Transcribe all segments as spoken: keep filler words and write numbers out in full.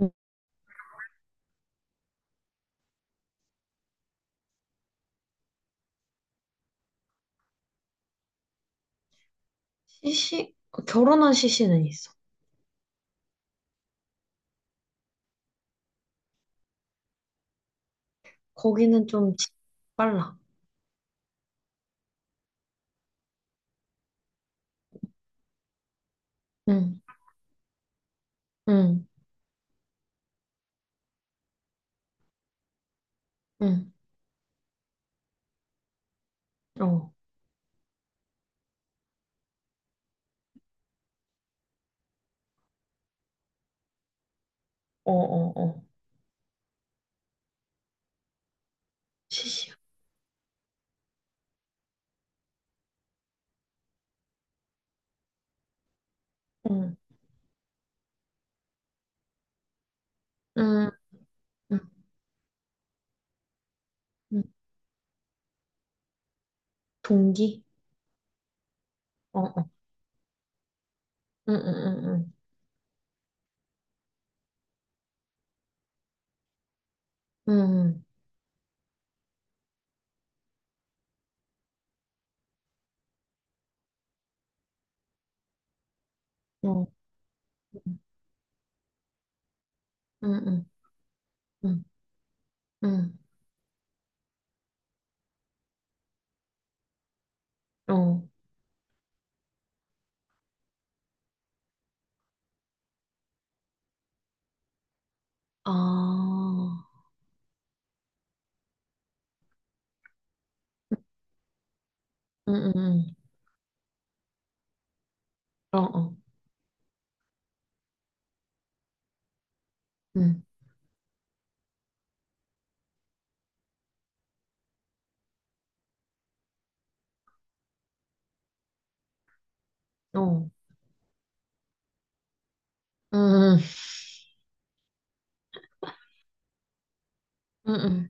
응. c 결혼한 씨씨는 있어. 거기는 좀 지- 빨라. 응, 응, 응, 어, 어, 어, 어. 씨씨야. 응, 응, 응, 응. 동기? 어, 어. 응, 응, 응, 응. 응, 어, 응, 응, 응, 응, 응, 응. 어. 아, 응, 응, 응. 어, 어. 응, 어. 응, 응, 응,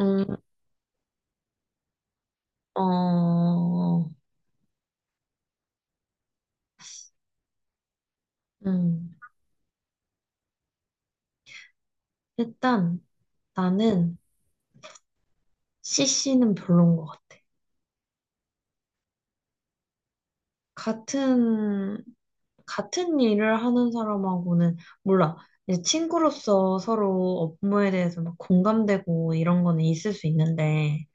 응, 응. 어. 응. 일단, 나는 씨씨는 별론 것 같아. 같은, 같은 일을 하는 사람하고는, 몰라. 이제 친구로서 서로 업무에 대해서 막 공감되고 이런 거는 있을 수 있는데,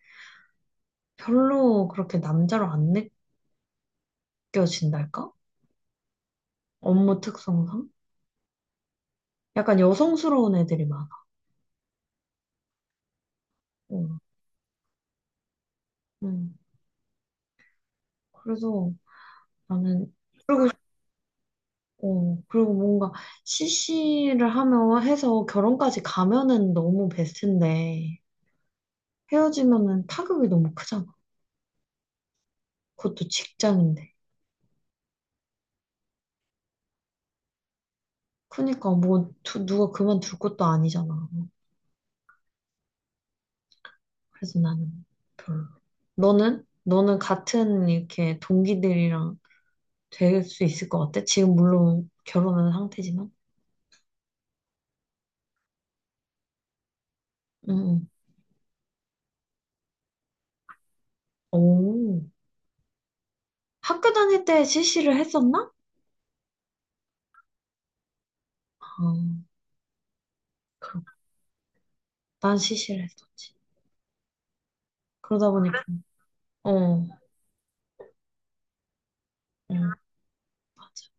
별로 그렇게 남자로 안 느껴진달까? 업무 특성상? 약간 여성스러운 애들이 많아. 어, 음. 그래서 나는, 그리고, 어, 그리고 뭔가 씨씨를 하며 해서 결혼까지 가면은 너무 베스트인데, 헤어지면은 타격이 너무 크잖아. 그것도 직장인데. 그니까 뭐 두- 누가 그만둘 것도 아니잖아. 그래서 나는 별로. 너는? 너는 같은 이렇게 동기들이랑 될 수 있을 것 같아? 지금 물론 결혼한 상태지만. 응. 응. 오. 학교 다닐 때 씨씨를 했었나? 아, 그렇구나. 난 씨씨를 했었지. 그러다 보니까 어, 어, 맞아.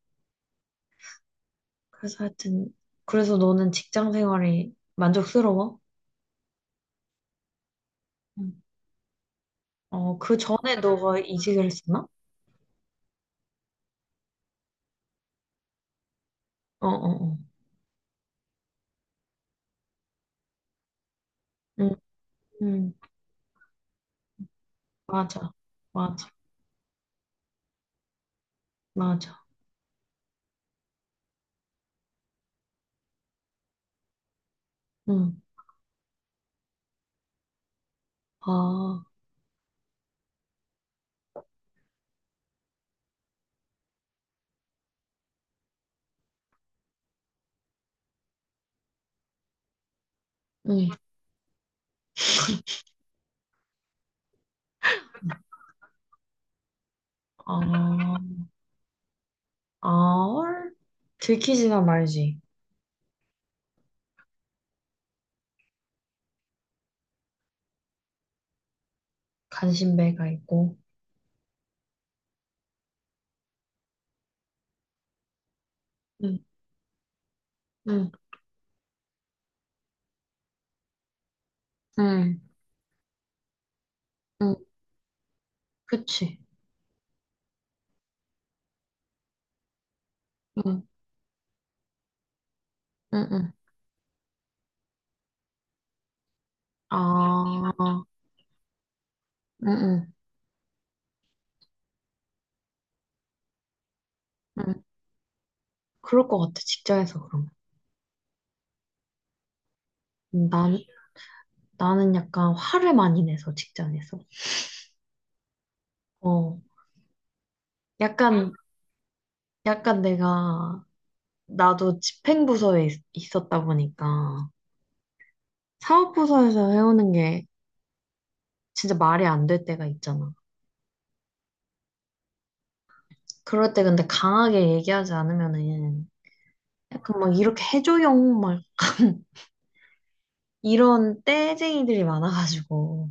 그래서 하여튼 그래서 너는 직장 생활이 만족스러워? 응. 어, 그 전에 너가 이직을 했었나? 어, 어, 어. 응. 응. 맞아, 맞아, 맞아. 응, 아, 응, 아, 아얼? 들키지가 말지. 간신배가 있고. 응, 응, 응, 응, 그치. 응, 응, 응. 아, 응, 응, 응. 그럴 것 같아, 직장에서 그러면. 음, 난, 나는 약간 화를 많이 내서, 직장에서. 어, 약간, 약간 내가, 나도 집행부서에 있- 있었다 보니까, 사업부서에서 해오는 게 진짜 말이 안 될 때가 있잖아. 그럴 때 근데 강하게 얘기하지 않으면은 약간 막 이렇게 해줘용 막 이런 떼쟁이들이 많아가지고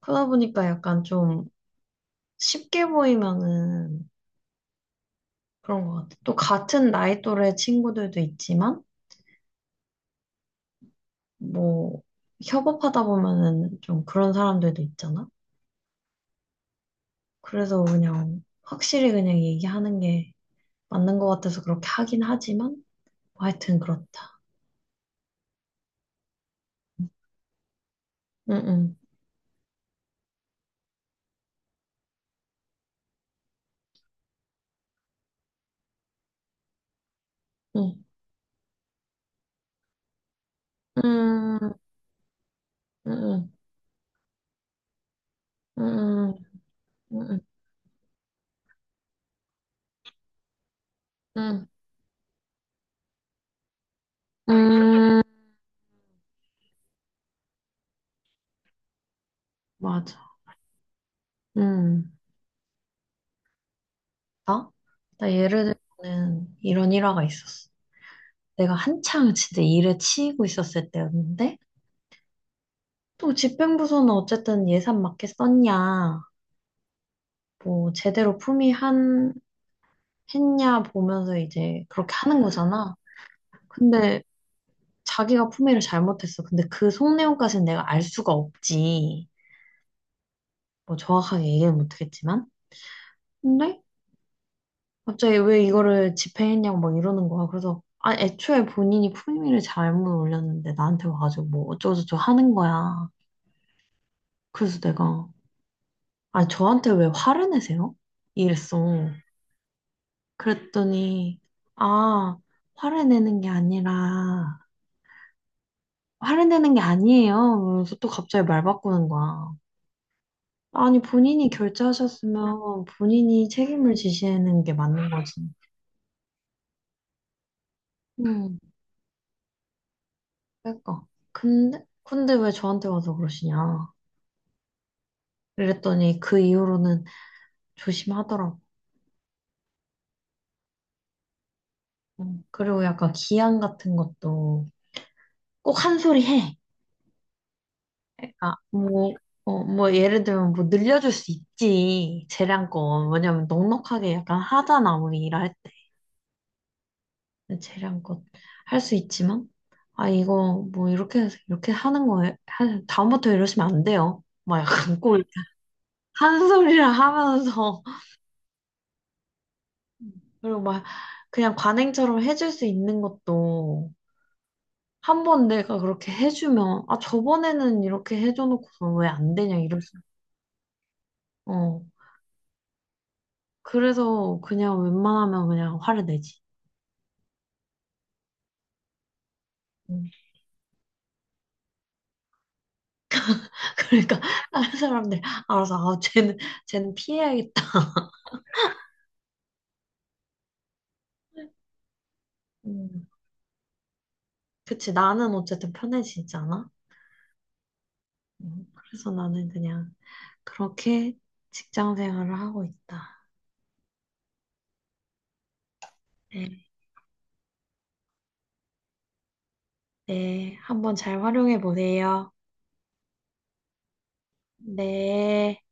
그러다 보니까 약간 좀 쉽게 보이면은 그런 것 같아. 또 같은 나이 또래 친구들도 있지만 뭐 협업하다 보면은 좀 그런 사람들도 있잖아. 그래서 그냥 확실히 그냥 얘기하는 게 맞는 것 같아서 그렇게 하긴 하지만 뭐 하여튼 그렇다. 응응. 응. 응. 음, 응, 응, 응, 응, 응, 맞아. 응. 나? 나 예를 들면 이런 일화가 있었어. 내가 한창 진짜 일에 치이고 있었을 때였는데, 또 집행부서는 어쨌든 예산 맞게 썼냐, 뭐 제대로 품위한, 했냐 보면서 이제 그렇게 하는 거잖아. 근데 자기가 품위를 잘못했어. 근데 그 속내용까지는 내가 알 수가 없지. 뭐 정확하게 얘기는 못하겠지만. 근데 갑자기 왜 이거를 집행했냐고 막 이러는 거야. 그래서, 아, 애초에 본인이 품위를 잘못 올렸는데 나한테 와가지고 뭐 어쩌고저쩌고 하는 거야. 그래서 내가, 아, 니 저한테 왜 화를 내세요? 이랬어. 그랬더니, 아, 화를 내는 게 아니라, 화를 내는 게 아니에요. 그래서 또 갑자기 말 바꾸는 거야. 아니, 본인이 결제하셨으면 본인이 책임을 지시는 게 맞는 거지. 음, 그러니까. 근데, 근데 왜 저한테 와서 그러시냐. 그랬더니 그 이후로는 조심하더라고. 음, 그리고 약간 기한 같은 것도 꼭 한 소리 해. 아, 뭐, 어, 뭐 예를 들면 뭐 늘려줄 수 있지. 재량권. 왜냐면 넉넉하게 약간 하잖아. 우리 일할 때. 재량권 할 수 있지만 아 이거 뭐 이렇게 해서 이렇게 하는 거예요. 한- 다음부터 이러시면 안 돼요. 막 약간 꼭 한 소리를 하면서 그리고 막 그냥 관행처럼 해줄 수 있는 것도 한 번 내가 그렇게 해주면, 아, 저번에는 이렇게 해줘놓고서 왜 안 되냐, 이럴 수. 어. 그래서 그냥 웬만하면 그냥 화를 내지. 음. 그러니까 다른 사람들 알아서, 아, 쟤는, 쟤는 피해야겠다. 음. 그치, 나는 어쨌든 편해지지 않아? 음. 그래서 나는 그냥 그렇게 직장 생활을 하고 있다. 네, 네. 한번 잘 활용해 보세요. 네.